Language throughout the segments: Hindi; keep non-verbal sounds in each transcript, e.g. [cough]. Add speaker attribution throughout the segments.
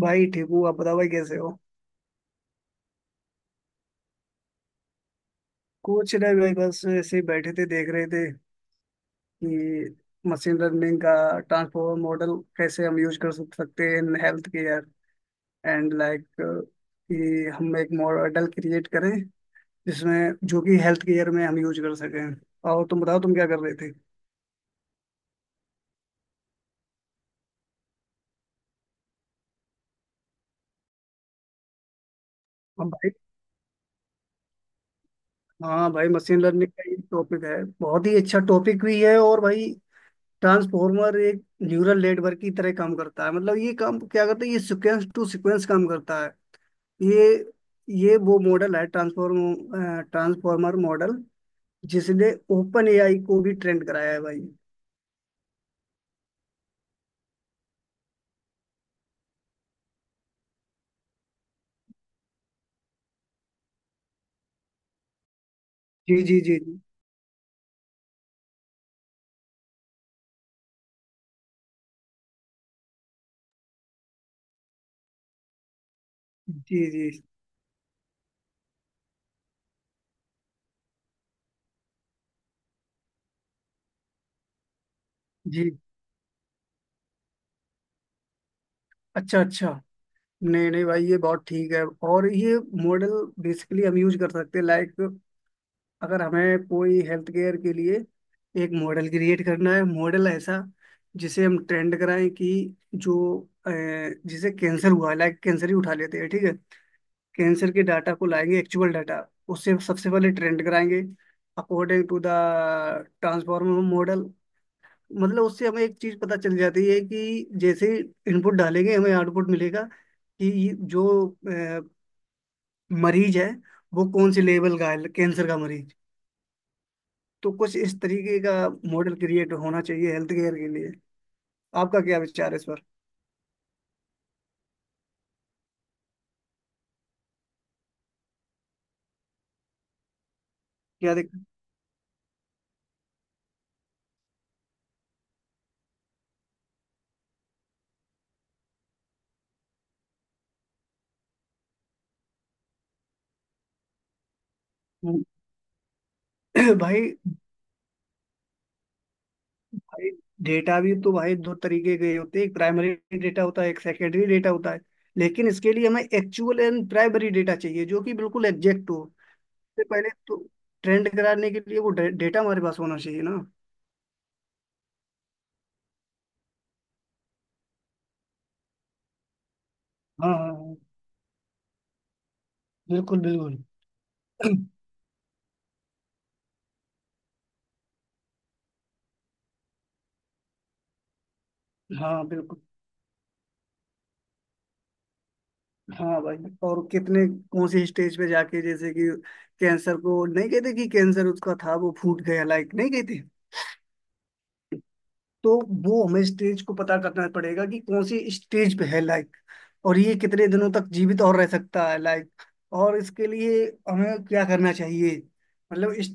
Speaker 1: भाई ठीक हूँ, आप बताओ भाई कैसे हो? कुछ नहीं भाई, बस ऐसे ही बैठे थे, देख रहे थे कि मशीन लर्निंग का ट्रांसफॉर्मर मॉडल कैसे हम यूज कर सकते हैं in health care and like, कि हम एक मॉडल क्रिएट करें जिसमें, जो कि हेल्थ केयर में हम यूज कर सकें। और तुम बताओ तुम क्या कर रहे थे? हम भाई। हाँ भाई, मशीन लर्निंग का ये टॉपिक है, बहुत ही अच्छा टॉपिक भी है। और भाई ट्रांसफॉर्मर एक न्यूरल नेटवर्क की तरह काम करता है, मतलब ये काम क्या करता है, ये सीक्वेंस टू सीक्वेंस काम करता है। ये ये वो मॉडल है, ट्रांसफॉर्मर मॉडल, जिसने ओपन एआई को भी ट्रेंड कराया है भाई। जी जी जी। जी जी जी जी। अच्छा अच्छा। नहीं नहीं भाई, ये बहुत ठीक है। और ये मॉडल बेसिकली हम यूज कर सकते हैं लाइक, अगर हमें कोई हेल्थ केयर के लिए एक मॉडल क्रिएट करना है, मॉडल ऐसा जिसे हम ट्रेंड कराएं कि जो अ, जिसे कैंसर हुआ है, लाइक कैंसर ही उठा लेते हैं, ठीक है। कैंसर के डाटा को लाएंगे, एक्चुअल डाटा, उससे सबसे पहले ट्रेंड कराएंगे according to the transformer model. मतलब उससे हमें एक चीज पता चल जाती है कि जैसे इनपुट डालेंगे हमें आउटपुट मिलेगा कि ये जो अ, मरीज है वो कौन से लेवल का है, कैंसर का मरीज। तो कुछ इस तरीके का मॉडल क्रिएट होना चाहिए हेल्थ केयर के लिए। आपका क्या विचार है इस पर? क्या देख। [coughs] [clears throat] भाई भाई, डेटा भी तो भाई दो तरीके के होते हैं, एक प्राइमरी डेटा होता है, एक सेकेंडरी डेटा होता है। लेकिन इसके लिए हमें एक्चुअल एंड प्राइमरी डेटा चाहिए जो कि बिल्कुल एग्जैक्ट हो। इससे पहले तो ट्रेंड कराने के लिए वो डेटा हमारे पास होना चाहिए ना। हाँ हाँ हाँ, बिल्कुल बिल्कुल। [clears throat] हाँ बिल्कुल। हाँ भाई, और कितने, कौन से स्टेज पे जाके, जैसे कि कैंसर को नहीं कहते कि कैंसर उसका था वो फूट गया, लाइक नहीं कहते। तो वो हमें स्टेज को पता करना पड़ेगा कि कौन सी स्टेज पे है लाइक। और ये कितने दिनों तक जीवित और रह सकता है लाइक। और इसके लिए हमें क्या करना चाहिए, मतलब इस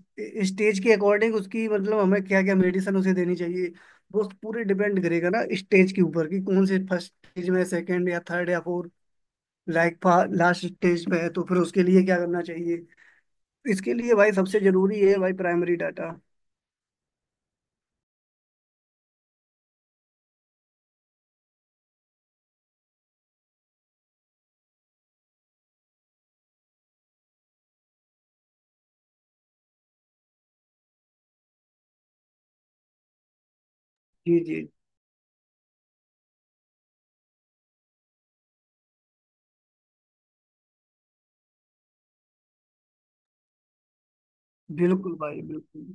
Speaker 1: स्टेज के अकॉर्डिंग उसकी, मतलब हमें क्या क्या मेडिसिन उसे देनी चाहिए। वो पूरे डिपेंड करेगा ना स्टेज के ऊपर कि कौन से, फर्स्ट स्टेज में, सेकंड या थर्ड या फोर्थ, लाइक लास्ट स्टेज पे है, तो फिर उसके लिए क्या करना चाहिए। इसके लिए भाई सबसे जरूरी है भाई, प्राइमरी डाटा। जी जी। बिल्कुल भाई, बिल्कुल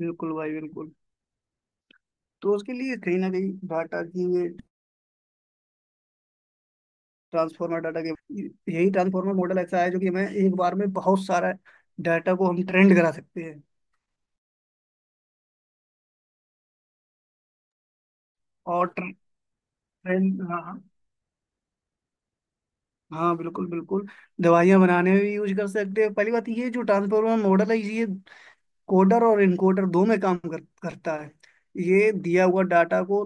Speaker 1: बिल्कुल भाई, बिल्कुल। तो उसके लिए कहीं ना कहीं डाटा की ये ट्रांसफॉर्मर डाटा के, यही ट्रांसफॉर्मर मॉडल ऐसा है जो कि हमें एक बार में बहुत सारा डाटा को हम ट्रेंड करा सकते हैं। और ट्रेंड, हाँ हाँ। हाँ बिल्कुल बिल्कुल, दवाइयाँ बनाने में भी यूज कर सकते हैं। पहली बात, ये जो ट्रांसफॉर्मर मॉडल है, ये कोडर और इनकोडर दो में काम करता है। ये दिया हुआ डाटा को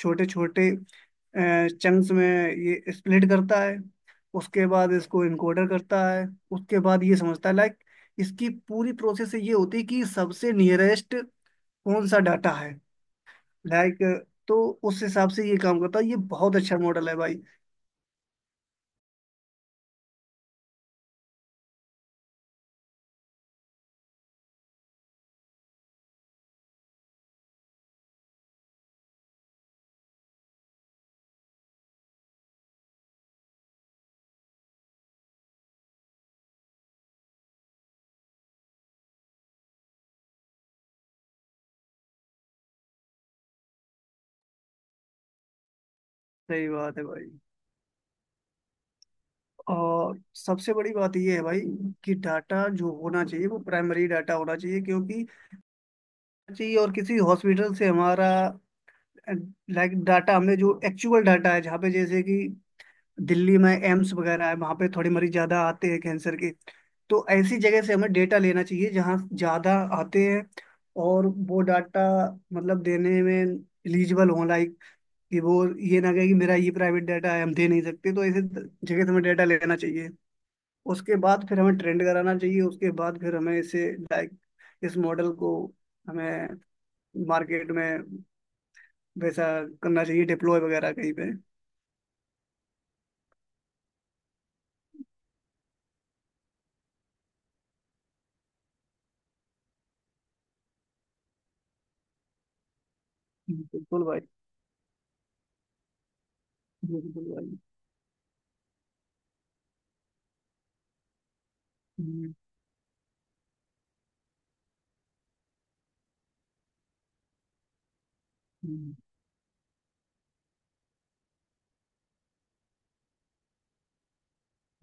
Speaker 1: छोटे छोटे चंक्स में ये स्प्लिट करता है, उसके बाद इसको इनकोडर करता है, उसके बाद ये समझता है, लाइक इसकी पूरी प्रोसेस ये होती है कि सबसे नियरेस्ट कौन सा डाटा है लाइक। तो उस हिसाब से ये काम करता है, ये बहुत अच्छा मॉडल है भाई। सही बात है भाई। और सबसे बड़ी बात ये है भाई कि डाटा जो होना चाहिए वो प्राइमरी डाटा होना चाहिए, क्योंकि जी और किसी हॉस्पिटल से हमारा, लाइक डाटा हमने जो एक्चुअल डाटा है, जहाँ पे जैसे कि दिल्ली में एम्स वगैरह है, वहाँ पे थोड़े मरीज ज़्यादा आते हैं कैंसर के। तो ऐसी जगह से हमें डेटा लेना चाहिए जहाँ ज़्यादा आते हैं, और वो डाटा मतलब देने में एलिजिबल हों, लाइक कि वो ये ना कहे कि मेरा ये प्राइवेट डाटा है, हम दे नहीं सकते। तो ऐसे जगह से हमें डाटा लेना चाहिए, उसके बाद फिर हमें ट्रेंड कराना चाहिए, उसके बाद फिर हमें इसे, लाइक इस मॉडल को हमें मार्केट में वैसा करना चाहिए, डिप्लॉय वगैरह कहीं पे। बिल्कुल भाई बिल्कुल भाई। हम्म, हम्म,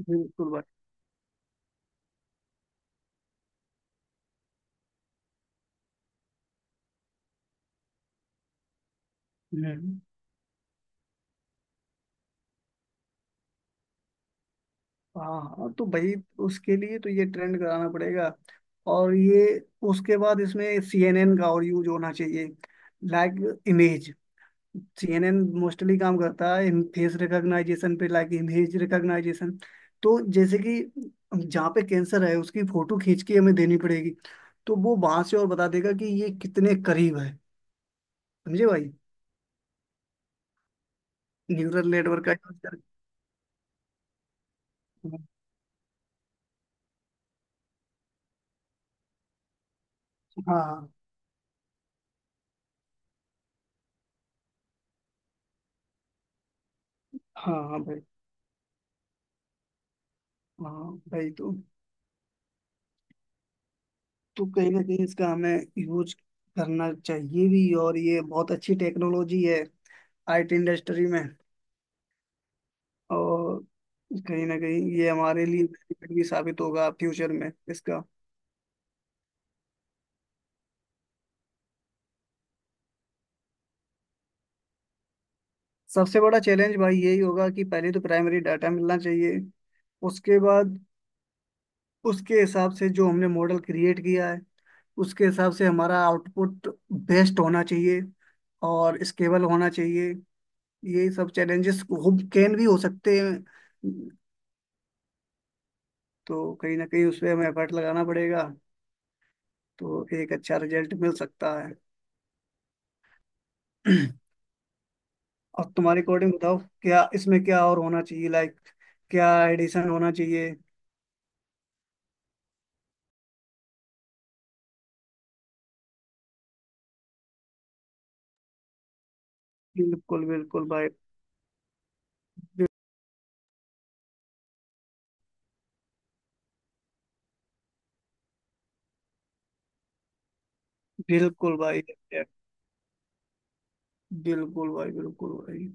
Speaker 1: बिल्कुल भाई। हम्म। हाँ हाँ, तो भाई उसके लिए तो ये ट्रेंड कराना पड़ेगा। और ये उसके बाद इसमें सीएनएन का और यूज होना चाहिए, लाइक इमेज। सीएनएन मोस्टली काम करता है फेस रिकॉग्नाइजेशन पे, लाइक इमेज रिकॉग्नाइजेशन। तो जैसे कि जहाँ पे कैंसर है उसकी फोटो खींच के हमें देनी पड़ेगी, तो वो वहां से और बता देगा कि ये कितने करीब है। समझे भाई? न्यूरल नेटवर्क का यूज कर। हाँ हाँ हाँ भाई, हाँ भाई, तो कहीं ना कहीं इसका हमें यूज करना चाहिए भी, और ये बहुत अच्छी टेक्नोलॉजी है आईटी इंडस्ट्री में। और कहीं ना कहीं ये हमारे लिए benefit भी साबित होगा फ्यूचर में इसका। सबसे बड़ा चैलेंज भाई यही होगा कि पहले तो प्राइमरी डाटा मिलना चाहिए। उसके बाद उसके हिसाब से जो हमने मॉडल क्रिएट किया है, उसके हिसाब से हमारा आउटपुट बेस्ट होना चाहिए और स्केलेबल होना चाहिए। यही सब चैलेंजेस हो कैन भी हो सकते हैं। तो कहीं ना कहीं उसमें हमें एफर्ट लगाना पड़ेगा, तो एक अच्छा रिजल्ट मिल सकता है। [clears throat] और तुम्हारी कोडिंग बताओ क्या, इसमें क्या और होना चाहिए, लाइक क्या एडिशन होना चाहिए? बिल्कुल बिल्कुल भाई, बिल्कुल भाई, बिल्कुल भाई, बिल्कुल भाई,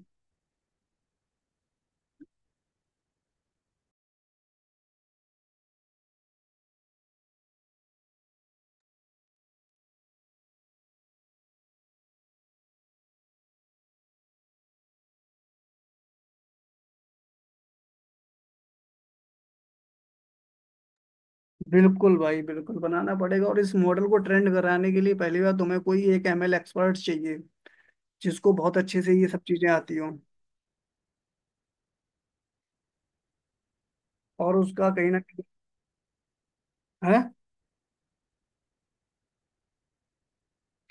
Speaker 1: बिल्कुल भाई, बिल्कुल बनाना पड़ेगा। और इस मॉडल को ट्रेंड कराने के लिए पहली बार तुम्हें कोई एक एमएल एक्सपर्ट चाहिए जिसको बहुत अच्छे से ये सब चीजें आती हों। और उसका कहीं ना कहीं है।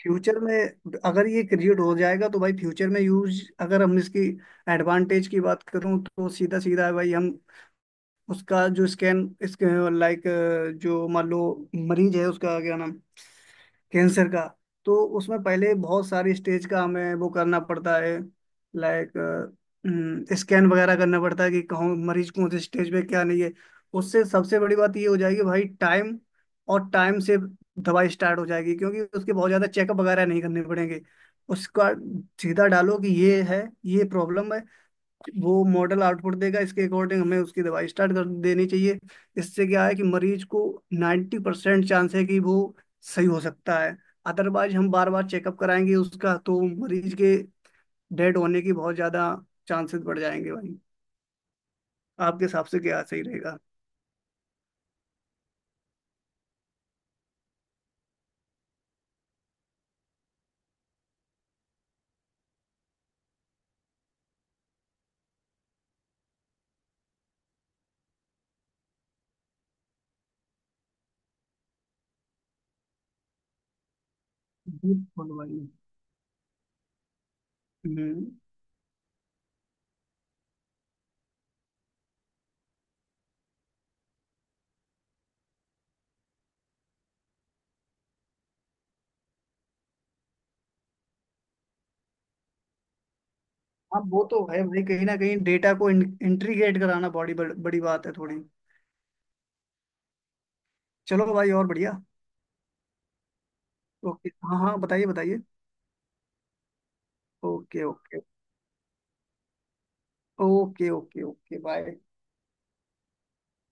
Speaker 1: फ्यूचर में अगर ये क्रिएट हो जाएगा तो भाई, फ्यूचर में यूज अगर हम इसकी एडवांटेज की बात करूं तो सीधा सीधा है भाई। हम उसका जो स्कैन इसके, लाइक जो मान लो मरीज है उसका क्या नाम, कैंसर का। तो उसमें पहले बहुत सारी स्टेज का हमें वो करना पड़ता है, लाइक स्कैन वगैरह करना पड़ता है कि कहाँ मरीज कौन से स्टेज पे क्या नहीं है। उससे सबसे बड़ी बात ये हो जाएगी भाई, टाइम, और टाइम से दवाई स्टार्ट हो जाएगी, क्योंकि उसके बहुत ज़्यादा चेकअप वगैरह नहीं करने पड़ेंगे। उसका सीधा डालो कि ये है, ये प्रॉब्लम है, वो मॉडल आउटपुट देगा, इसके अकॉर्डिंग हमें उसकी दवाई स्टार्ट कर देनी चाहिए। इससे क्या है कि मरीज को 90% चांस है कि वो सही हो सकता है। अदरवाइज हम बार बार चेकअप कराएंगे उसका, तो मरीज के डेड होने की बहुत ज्यादा चांसेस बढ़ जाएंगे भाई। आपके हिसाब से क्या सही रहेगा? बिल्कुल भाई। हम्म। हाँ वो तो है भाई, कहीं ना कहीं डेटा को इंट्रीग्रेट कराना बड़ी बात है थोड़ी। चलो भाई, और बढ़िया। ओके हाँ हाँ, बताइए बताइए। Okay okay. Okay okay okay bye.